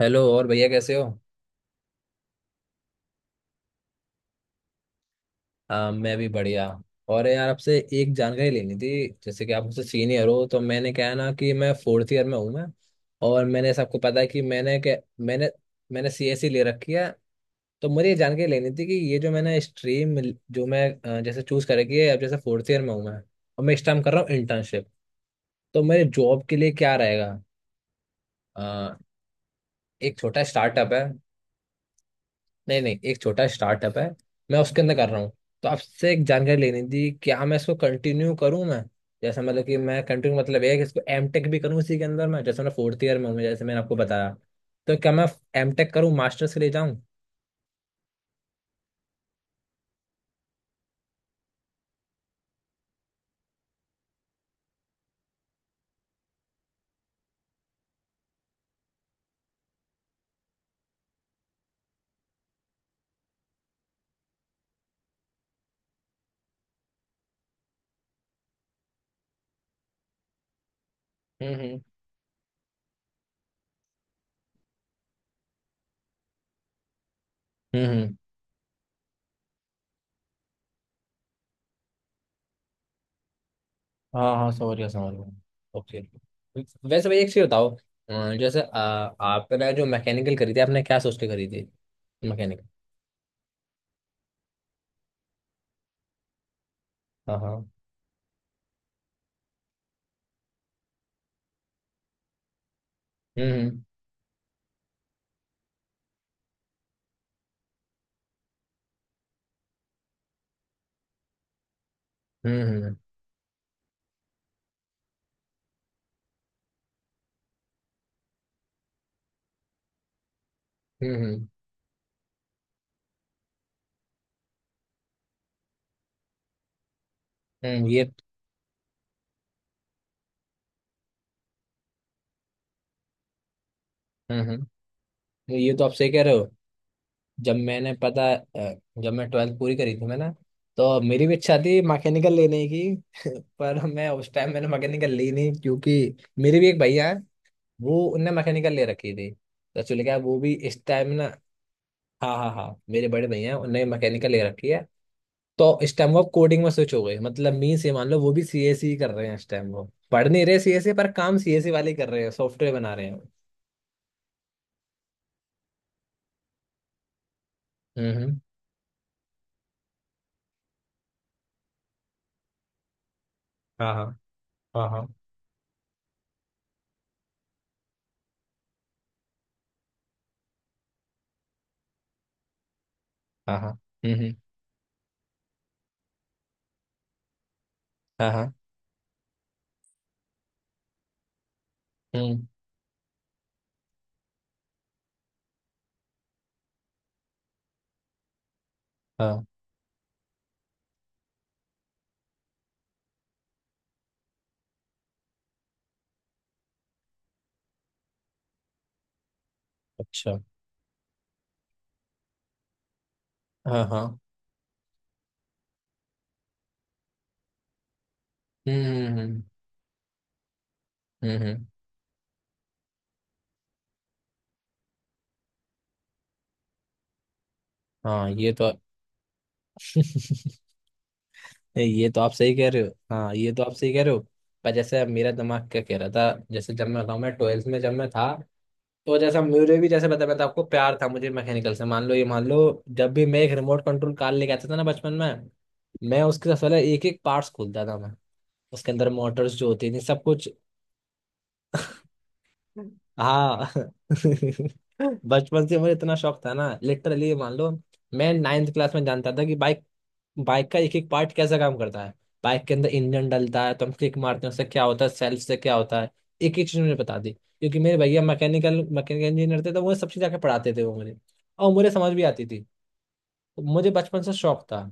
Hello, और भैया कैसे हो? हाँ, मैं भी बढ़िया। और यार, आपसे एक जानकारी लेनी थी, जैसे कि आप मुझसे सीनियर हो। तो मैंने क्या है ना कि मैं फोर्थ ईयर में हूँ मैं। और मैंने ऐसा, आपको पता है कि मैंने क्या, मैंने मैंने सीएसई ले रखी है। तो मुझे ये जानकारी लेनी थी कि ये जो मैंने स्ट्रीम जो मैं जैसे चूज कर रखी है, अब जैसे फोर्थ ईयर में हूँ मैं। और मैं इस टाइम कर रहा हूँ इंटर्नशिप। तो मेरे जॉब के लिए क्या रहेगा? अ, एक छोटा स्टार्टअप है। नहीं, नहीं, एक छोटा स्टार्टअप है। मैं उसके अंदर कर रहा हूँ। तो आपसे एक जानकारी लेनी थी, क्या मैं इसको कंटिन्यू करूँ मैं। जैसे मतलब कि मैं कंटिन्यू, मतलब ये है कि इसको एम टेक भी करूँ इसी के अंदर मैं। जैसे मैं फोर्थ ईयर में हूँ, जैसे मैंने आपको बताया। तो क्या मैं एम टेक करूँ, मास्टर्स के लिए जाऊँ? हम्म, हम्म, हम्म, हम्म। हाँ, हाँ, समझ गया, समझ गया, ओके। वैसे भाई, एक चीज बताओ। जैसे आपने जो मैकेनिकल करी थी, आपने क्या सोच के करी थी मैकेनिकल? हाँ, हाँ। हम्म, हम्म, हम्म, हम्म, ये। हम्म, हम्म, ये तो आप सही कह रहे हो। जब मैं 12th पूरी करी थी मैंने, तो मेरी भी इच्छा थी मैकेनिकल लेने की। पर मैं उस टाइम, मैंने मैकेनिकल ली नहीं, क्योंकि मेरे भी एक भैया है। वो, उनने मैकेनिकल ले रखी थी। तो चल गया वो भी इस टाइम ना। हाँ, हाँ, हाँ, मेरे बड़े भैया हैं, उनने मैकेनिकल ले रखी है। तो इस टाइम वो कोडिंग में स्विच हो गए, मतलब मीन्स ये मान लो, वो भी सीएसई कर रहे हैं इस टाइम वो। पढ़ नहीं रहे सीएसई, पर काम सीएसई वाले कर रहे हैं, सॉफ्टवेयर बना रहे हैं। हम्म, हाँ, हाँ, हाँ, हाँ, हाँ, हाँ, हम्म, हाँ, हाँ, हम्म, हाँ, अच्छा, हाँ, हाँ, हम्म, हम्म, हम्म, हाँ, ये तो ये तो आप सही कह रहे हो। हाँ, ये तो आप सही कह रहे हो। पर जैसे मेरा दिमाग क्या कह रहा था, जैसे जब मैं बताऊँ, मैं 12th में जब मैं था, तो जैसा मेरे भी जैसे बताया मैं था आपको, प्यार था मुझे मैकेनिकल से। मान लो, ये मान लो, जब भी मैं एक रिमोट कंट्रोल कार लेके आता था ना बचपन में, मैं उसके सबसे पहले एक एक पार्ट्स खोलता था मैं। उसके अंदर मोटर्स जो होती थी, सब कुछ। हाँ। बचपन से मुझे इतना शौक था ना, लिटरली मान लो। मैं नाइन्थ क्लास में जानता था कि बाइक बाइक का एक एक पार्ट कैसा काम करता है। बाइक के अंदर इंजन डलता है, तो हम किक मारते हैं, उससे क्या होता है, सेल्फ से क्या होता है। एक एक चीज मुझे बता दी, क्योंकि मेरे भैया मैकेनिकल मैकेनिकल इंजीनियर थे, तो वो सब चीज़ आके पढ़ाते थे वो मुझे। और मुझे समझ भी आती थी। तो मुझे बचपन से शौक था।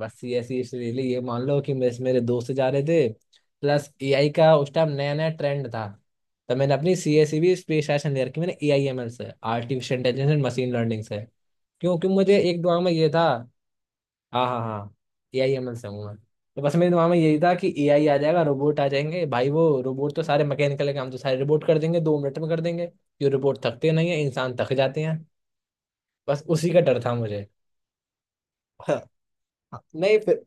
बस ये ऐसी, इसलिए ये मान लो कि मेरे मेरे दोस्त जा रहे थे। प्लस एआई का उस टाइम नया नया ट्रेंड था। तो मैंने अपनी सी एस सी भी स्पेशलाइजेशन ले रखी मैंने ए आई एम एल से, artificial intelligence and machine learning से। क्योंकि मुझे एक दिमाग में ये था। हाँ, हाँ, हाँ। ए आई एम एल से हूँ मैं। तो बस मेरे दिमाग में यही था कि ए आई आ जाएगा, रोबोट आ जाएंगे भाई। वो रोबोट तो सारे मैकेनिकल काम तो सारे रोबोट कर देंगे, 2 मिनट में कर देंगे। ये रोबोट थकते नहीं है, इंसान थक जाते हैं। बस उसी का डर था मुझे। नहीं, फिर।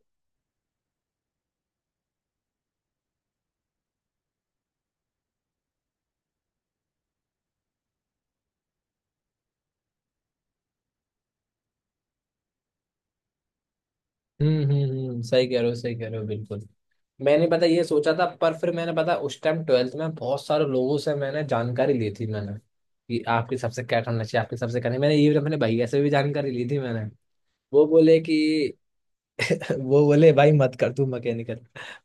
हम्म, हम्म, हम्म, सही कह रहे हो, सही कह रहे हो बिल्कुल। मैंने पता ये सोचा था, पर फिर मैंने पता उस टाइम 12th में बहुत सारे लोगों से मैंने जानकारी ली थी मैंने, कि आपके सबसे क्या करना चाहिए, आपके सबसे करना। मैंने ये अपने भैया से भी जानकारी ली थी मैंने। वो बोले कि, वो बोले भाई मत कर तू मैकेनिकल।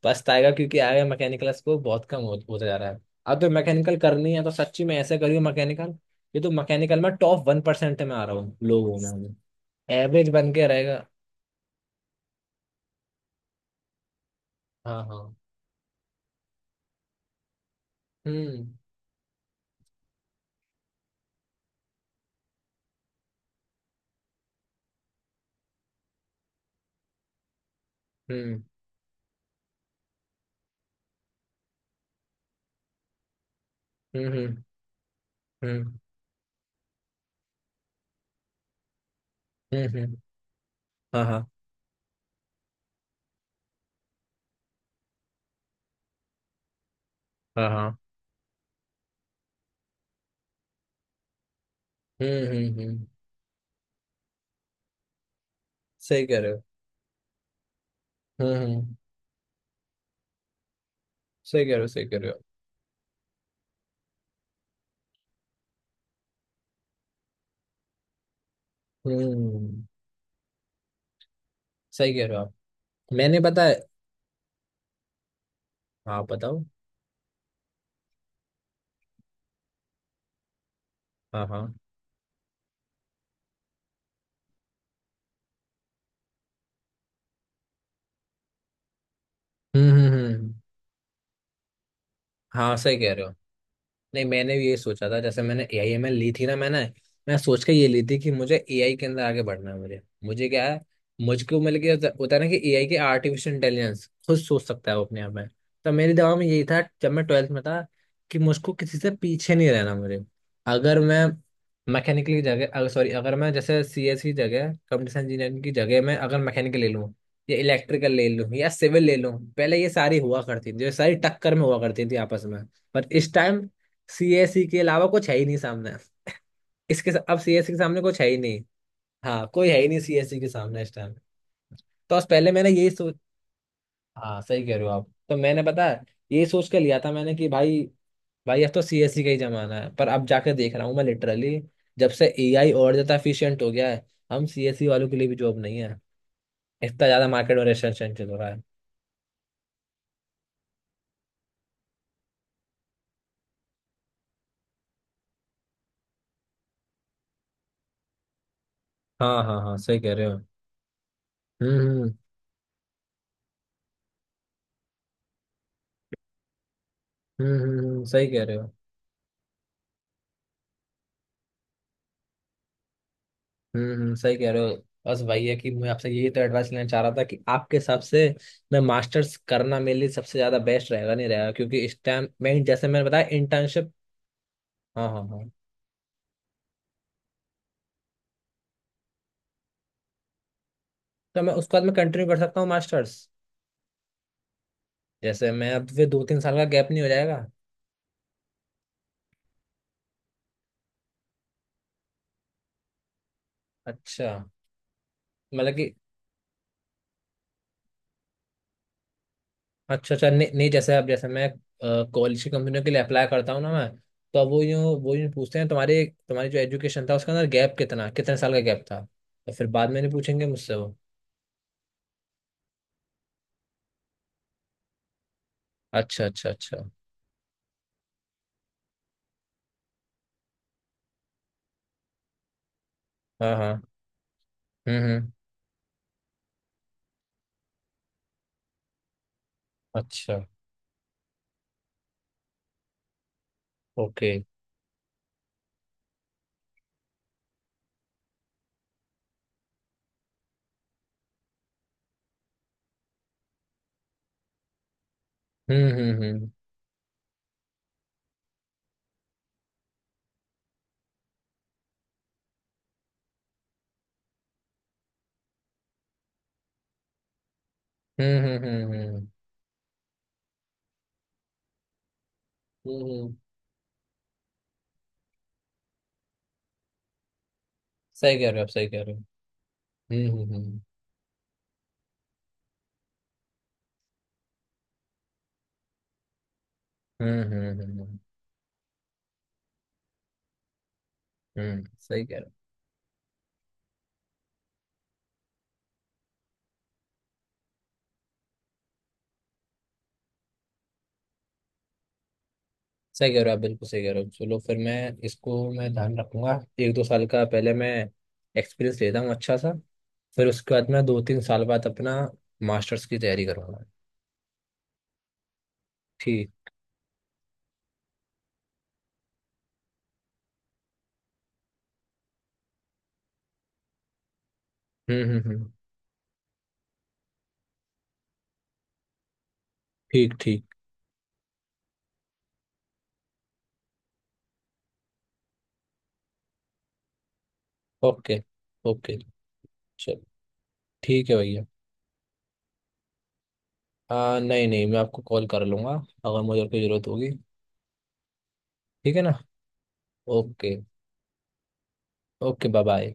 पछताएगा, क्योंकि आगे मैकेनिकल स्कोप बहुत कम होता जा रहा है। अब तो मैकेनिकल करनी है तो सच्ची में ऐसे करियो मैकेनिकल। ये तो मैकेनिकल में टॉप 1% में आ रहा हूँ, लोगों में हूँ। एवरेज बन के रहेगा। हाँ, हाँ, हम्म, हम्म, हम्म, हम्म, हम्म, हम्म, हाँ, हाँ, हाँ, हाँ, हम्म, हम्म, हम्म, सही कह रहे हो। हम्म, हम्म, सही कह रहे हो, सही कह रहे हो। हम्म, सही कह रहे हो आप। मैंने बताया, हाँ बताओ, हाँ, हाँ, हम्म, हम्म, हम्म, हाँ, सही कह रहे हो। नहीं, मैंने भी ये सोचा था, जैसे मैंने ए आई एम एल ली थी ना मैंने। मैं सोच के ये ली थी कि मुझे ए आई के अंदर आगे बढ़ना है मुझे, मुझे क्या है। मुझको मिल गया होता होता है ना, कि ए आई के आर्टिफिशियल इंटेलिजेंस खुद सोच सकता है वो अपने आप में। तो मेरे दिमाग में यही था जब मैं ट्वेल्थ में था, कि मुझको किसी से पीछे नहीं रहना मुझे। अगर मैं मैकेनिकल की जगह, अगर सॉरी, अगर मैं जैसे सी एस की जगह, कंप्यूटर इंजीनियरिंग की जगह, मैं अगर मैकेनिकल ले लूँ, या इलेक्ट्रिकल ले लूँ, या सिविल ले लूँ, पहले ये सारी हुआ करती थी, ये सारी टक्कर में हुआ करती थी आपस में। पर इस टाइम सीएससी के अलावा कुछ है ही नहीं सामने। अब सीएससी के सामने कुछ है ही नहीं। हाँ, कोई है ही नहीं सीएससी के सामने इस टाइम। तो बस पहले मैंने यही सोच। हाँ, सही कह रहे हो आप। तो मैंने पता है, यही सोच के लिया था मैंने कि भाई, भाई, अब तो सीएससी का ही जमाना है। पर अब जाकर देख रहा हूँ मैं लिटरली, जब से एआई और ज्यादा एफिशिएंट हो गया है, हम सीएससी वालों के लिए भी जॉब नहीं है। इतना ज्यादा मार्केट और रेशन चल रहा है। हाँ, हाँ, हाँ, सही कह रहे हो। हम्म, हम्म, हम्म, सही कह रहे हो। हम्म, सही कह रहे हो। बस वही है कि मैं आपसे यही तो एडवाइस लेना चाह रहा था, कि आपके हिसाब से मैं मास्टर्स करना मेरे लिए सबसे ज्यादा बेस्ट रहेगा, नहीं रहेगा, क्योंकि इस टाइम मैं, जैसे मैंने बताया, इंटर्नशिप। हाँ, हाँ, हाँ। तो मैं उसके बाद मैं कंटिन्यू कर सकता हूँ मास्टर्स। जैसे मैं अब फिर दो तीन साल का गैप नहीं हो जाएगा? अच्छा। मतलब कि, अच्छा, अच्छा, नहीं, नहीं, जैसे अब, जैसे मैं कॉलेज की कंपनियों के लिए अप्लाई करता हूँ ना मैं, तो अब वो यूँ पूछते हैं, तुम्हारे तुम्हारी जो एजुकेशन था उसके अंदर गैप कितना कितने साल का गैप था। तो फिर बाद में नहीं पूछेंगे मुझसे वो? अच्छा, अच्छा, अच्छा। हाँ, हाँ, हम्म, हम्म। अच्छा, ओके। हम्म, हम्म, हम्म, हम्म, हम्म, हम्म, हम्म, हम्म। सही कह रहे हो आप, सही कह रहे हो। हम्म, हम्म, हम्म, हम्म, हम्म, हम्म, सही कह रहे हो, सही कह रहे हो आप, बिल्कुल सही कह रहे हो। चलो फिर मैं इसको मैं ध्यान रखूंगा। एक दो साल का पहले मैं एक्सपीरियंस लेता हूँ अच्छा सा, फिर उसके बाद मैं दो तीन साल बाद अपना मास्टर्स की तैयारी करूंगा। ठीक। हम्म, हम्म, हम्म। ठीक, ठीक। Okay, okay. चलो, ठीक है भैया। हाँ, नहीं, नहीं, मैं आपको कॉल कर लूंगा, अगर मुझे और कोई ज़रूरत होगी। ठीक है ना। ओके। Okay, bye bye.